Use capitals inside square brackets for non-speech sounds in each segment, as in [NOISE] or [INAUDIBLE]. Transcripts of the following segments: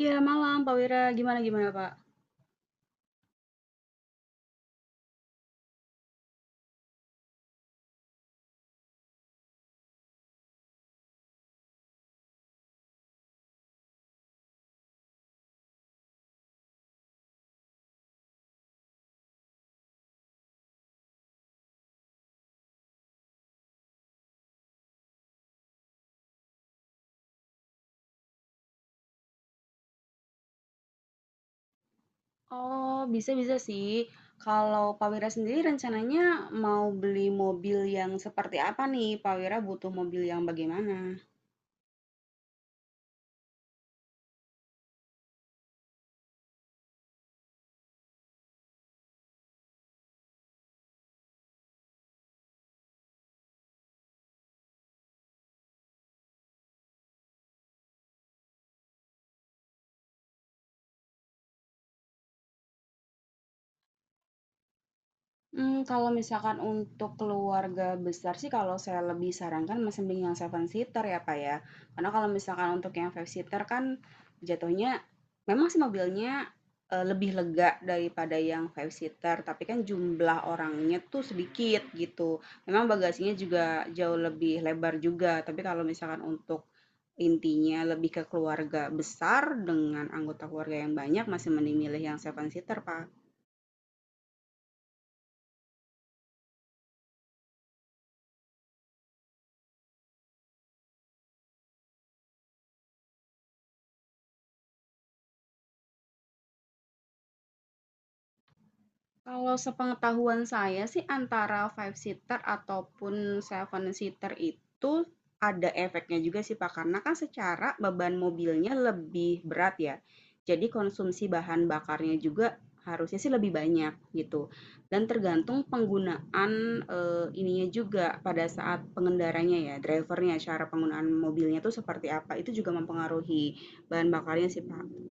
Iya, malam Pak Wira, gimana gimana Pak? Oh, bisa bisa sih, kalau Pak Wira sendiri rencananya mau beli mobil yang seperti apa nih? Pak Wira butuh mobil yang bagaimana? Kalau misalkan untuk keluarga besar sih, kalau saya lebih sarankan masih mending yang seven seater ya, Pak ya. Karena kalau misalkan untuk yang five seater kan jatuhnya memang sih mobilnya, lebih lega daripada yang five seater, tapi kan jumlah orangnya tuh sedikit gitu. Memang bagasinya juga jauh lebih lebar juga, tapi kalau misalkan untuk intinya lebih ke keluarga besar dengan anggota keluarga yang banyak, masih mending milih yang seven seater, Pak. Kalau sepengetahuan saya sih, antara five seater ataupun seven seater itu ada efeknya juga sih Pak, karena kan secara beban mobilnya lebih berat ya. Jadi konsumsi bahan bakarnya juga harusnya sih lebih banyak gitu. Dan tergantung penggunaan ininya juga, pada saat pengendaranya ya, drivernya, cara penggunaan mobilnya tuh seperti apa, itu juga mempengaruhi bahan bakarnya sih, Pak.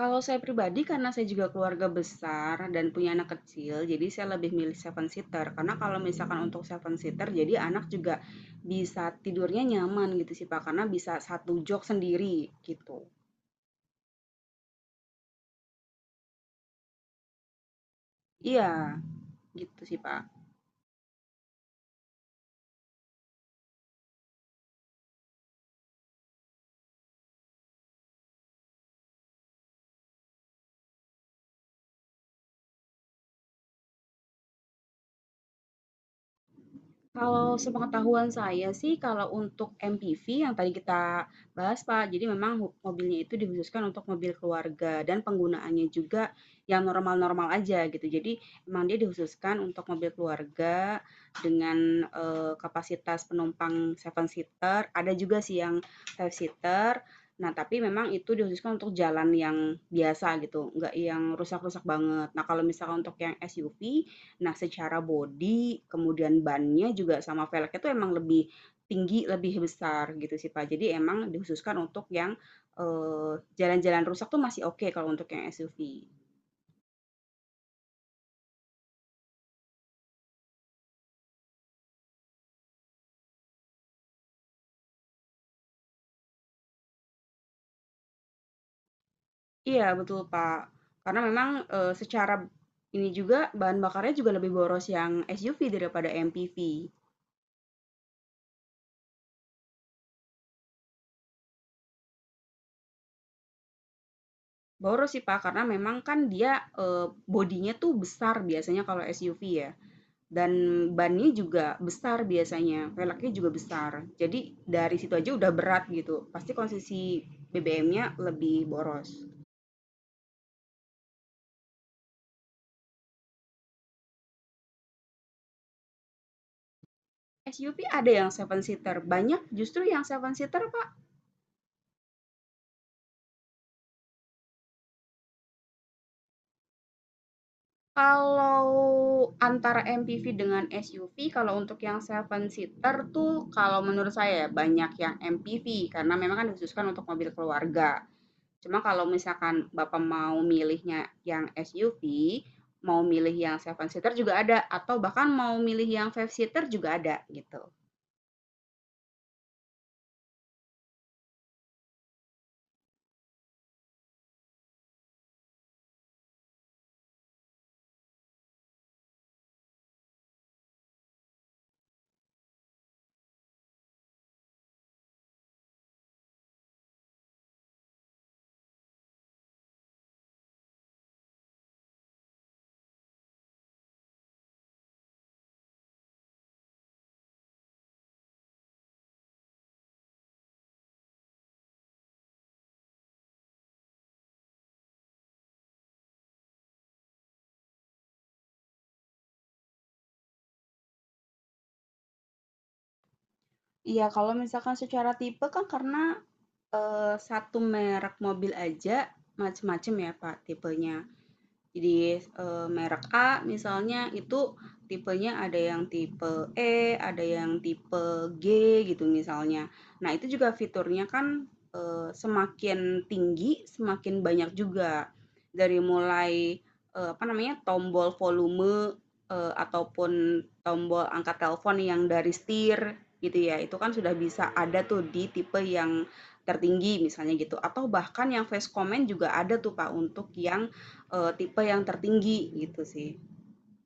Kalau saya pribadi, karena saya juga keluarga besar dan punya anak kecil, jadi saya lebih milih seven seater. Karena kalau misalkan untuk seven seater, jadi anak juga bisa tidurnya nyaman gitu sih Pak, karena bisa satu jok sendiri gitu. Iya, gitu sih Pak. Kalau sepengetahuan saya sih, kalau untuk MPV yang tadi kita bahas, Pak, jadi memang hu mobilnya itu dikhususkan untuk mobil keluarga, dan penggunaannya juga yang normal-normal aja gitu. Jadi emang dia dikhususkan untuk mobil keluarga dengan, kapasitas penumpang seven seater, ada juga sih yang five seater. Nah, tapi memang itu dikhususkan untuk jalan yang biasa gitu, nggak yang rusak-rusak banget. Nah, kalau misalkan untuk yang SUV, nah, secara body kemudian bannya juga sama velgnya itu emang lebih tinggi, lebih besar gitu sih, Pak. Jadi emang dikhususkan untuk yang, jalan-jalan rusak tuh masih oke kalau untuk yang SUV. Iya, betul, Pak. Karena memang, secara ini juga bahan bakarnya juga lebih boros yang SUV daripada MPV. Boros sih, Pak, karena memang kan dia, bodinya tuh besar biasanya kalau SUV ya. Dan bannya juga besar biasanya, velgnya juga besar. Jadi dari situ aja udah berat gitu. Pasti konsumsi BBM-nya lebih boros. SUV ada yang seven seater, banyak justru yang seven seater, Pak. Kalau antara MPV dengan SUV, kalau untuk yang seven seater tuh kalau menurut saya ya, banyak yang MPV karena memang kan dikhususkan untuk mobil keluarga. Cuma kalau misalkan Bapak mau milihnya yang SUV, mau milih yang seven seater juga ada, atau bahkan mau milih yang five seater juga ada, gitu. Iya, kalau misalkan secara tipe kan karena satu merek mobil aja macem-macem ya, Pak, tipenya. Jadi, merek A misalnya itu tipenya ada yang tipe E, ada yang tipe G gitu misalnya. Nah itu juga fiturnya kan, semakin tinggi semakin banyak juga. Dari mulai, apa namanya, tombol volume, ataupun tombol angkat telepon yang dari setir gitu ya, itu kan sudah bisa ada tuh di tipe yang tertinggi misalnya gitu, atau bahkan yang voice command juga ada tuh Pak untuk yang tipe yang tertinggi gitu sih.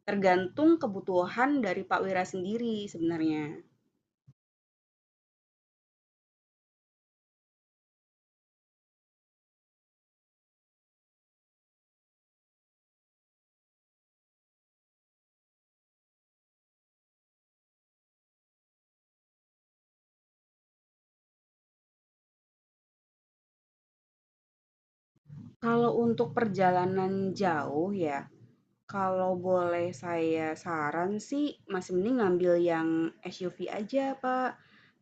Tergantung kebutuhan dari Pak Wira sendiri sebenarnya. Kalau untuk perjalanan jauh ya, kalau boleh saya saran sih masih mending ngambil yang SUV aja, Pak.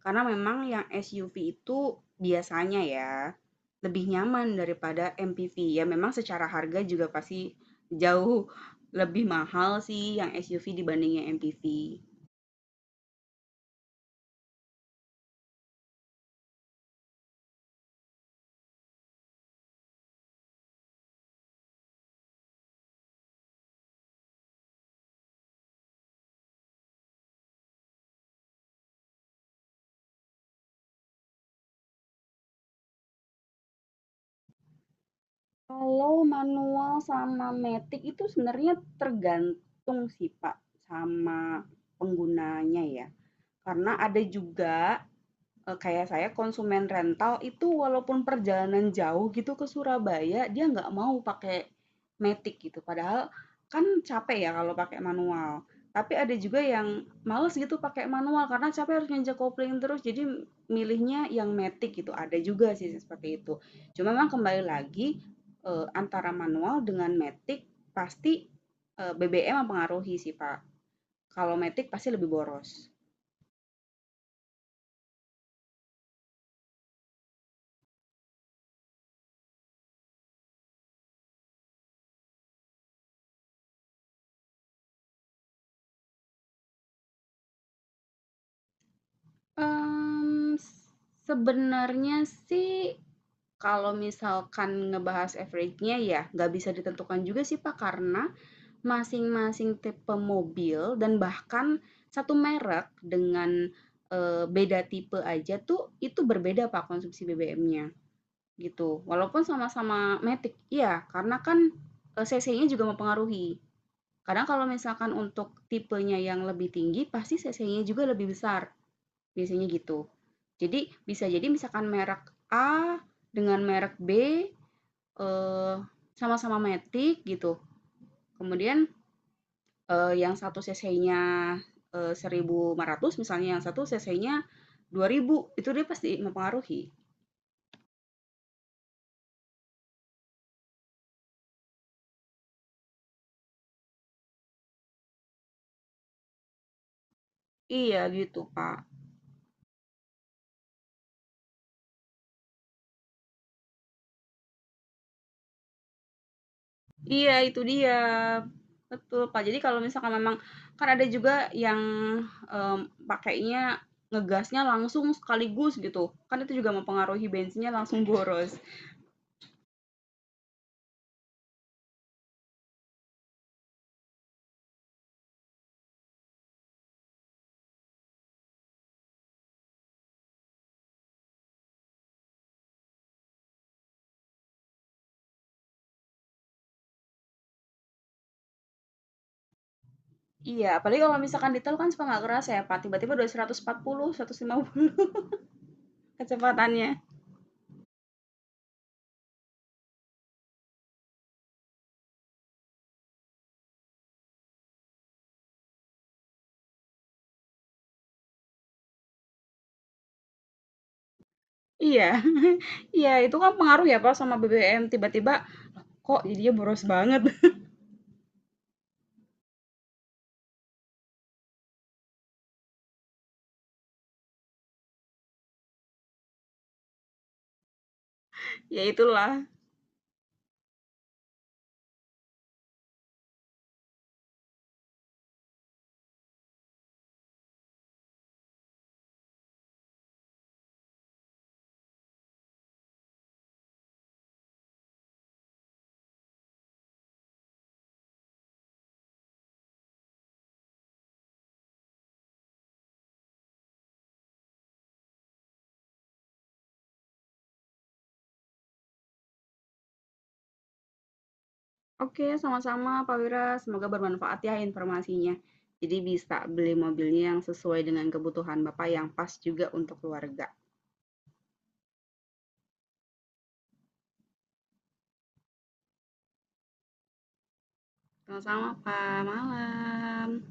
Karena memang yang SUV itu biasanya ya, lebih nyaman daripada MPV. Ya memang secara harga juga pasti jauh lebih mahal sih yang SUV dibanding yang MPV. Kalau manual sama matic itu sebenarnya tergantung sih, Pak, sama penggunanya ya. Karena ada juga kayak saya konsumen rental itu walaupun perjalanan jauh gitu ke Surabaya, dia nggak mau pakai matic gitu, padahal kan capek ya kalau pakai manual. Tapi ada juga yang males gitu pakai manual karena capek harus nginjek kopling terus, jadi milihnya yang matic gitu, ada juga sih seperti itu. Cuma memang kembali lagi, antara manual dengan matic pasti, BBM mempengaruhi sih, Pak. Kalau matic pasti lebih boros. Mmm, s sebenarnya sih kalau misalkan ngebahas average-nya ya nggak bisa ditentukan juga sih, Pak, karena masing-masing tipe mobil dan bahkan satu merek dengan, beda tipe aja tuh itu berbeda, Pak, konsumsi BBM-nya gitu. Walaupun sama-sama matic iya, karena kan, cc-nya juga mempengaruhi. Kadang kalau misalkan untuk tipenya yang lebih tinggi pasti cc-nya juga lebih besar, biasanya gitu. Jadi bisa jadi misalkan merek A dengan merek B, eee, sama-sama matic gitu, kemudian, yang satu cc-nya, 1000 ratus misalnya, yang satu cc-nya 2000, itu dia pasti mempengaruhi. Iya gitu, Pak. Iya itu dia. Betul, Pak. Jadi kalau misalkan memang kan ada juga yang, pakainya ngegasnya langsung sekaligus gitu, kan itu juga mempengaruhi bensinnya langsung boros. Iya, apalagi kalau misalkan di tol kan suka nggak kerasa ya, Pak, tiba-tiba udah 100 140, 150 kecepatannya. Iya, [LAUGHS] iya itu kan pengaruh ya, Pak, sama BBM, tiba-tiba kok jadinya boros banget. [LAUGHS] Ya itulah. Oke, sama-sama Pak Wira, semoga bermanfaat ya informasinya. Jadi bisa beli mobilnya yang sesuai dengan kebutuhan Bapak yang pas juga untuk keluarga. Sama-sama, Pak. Malam.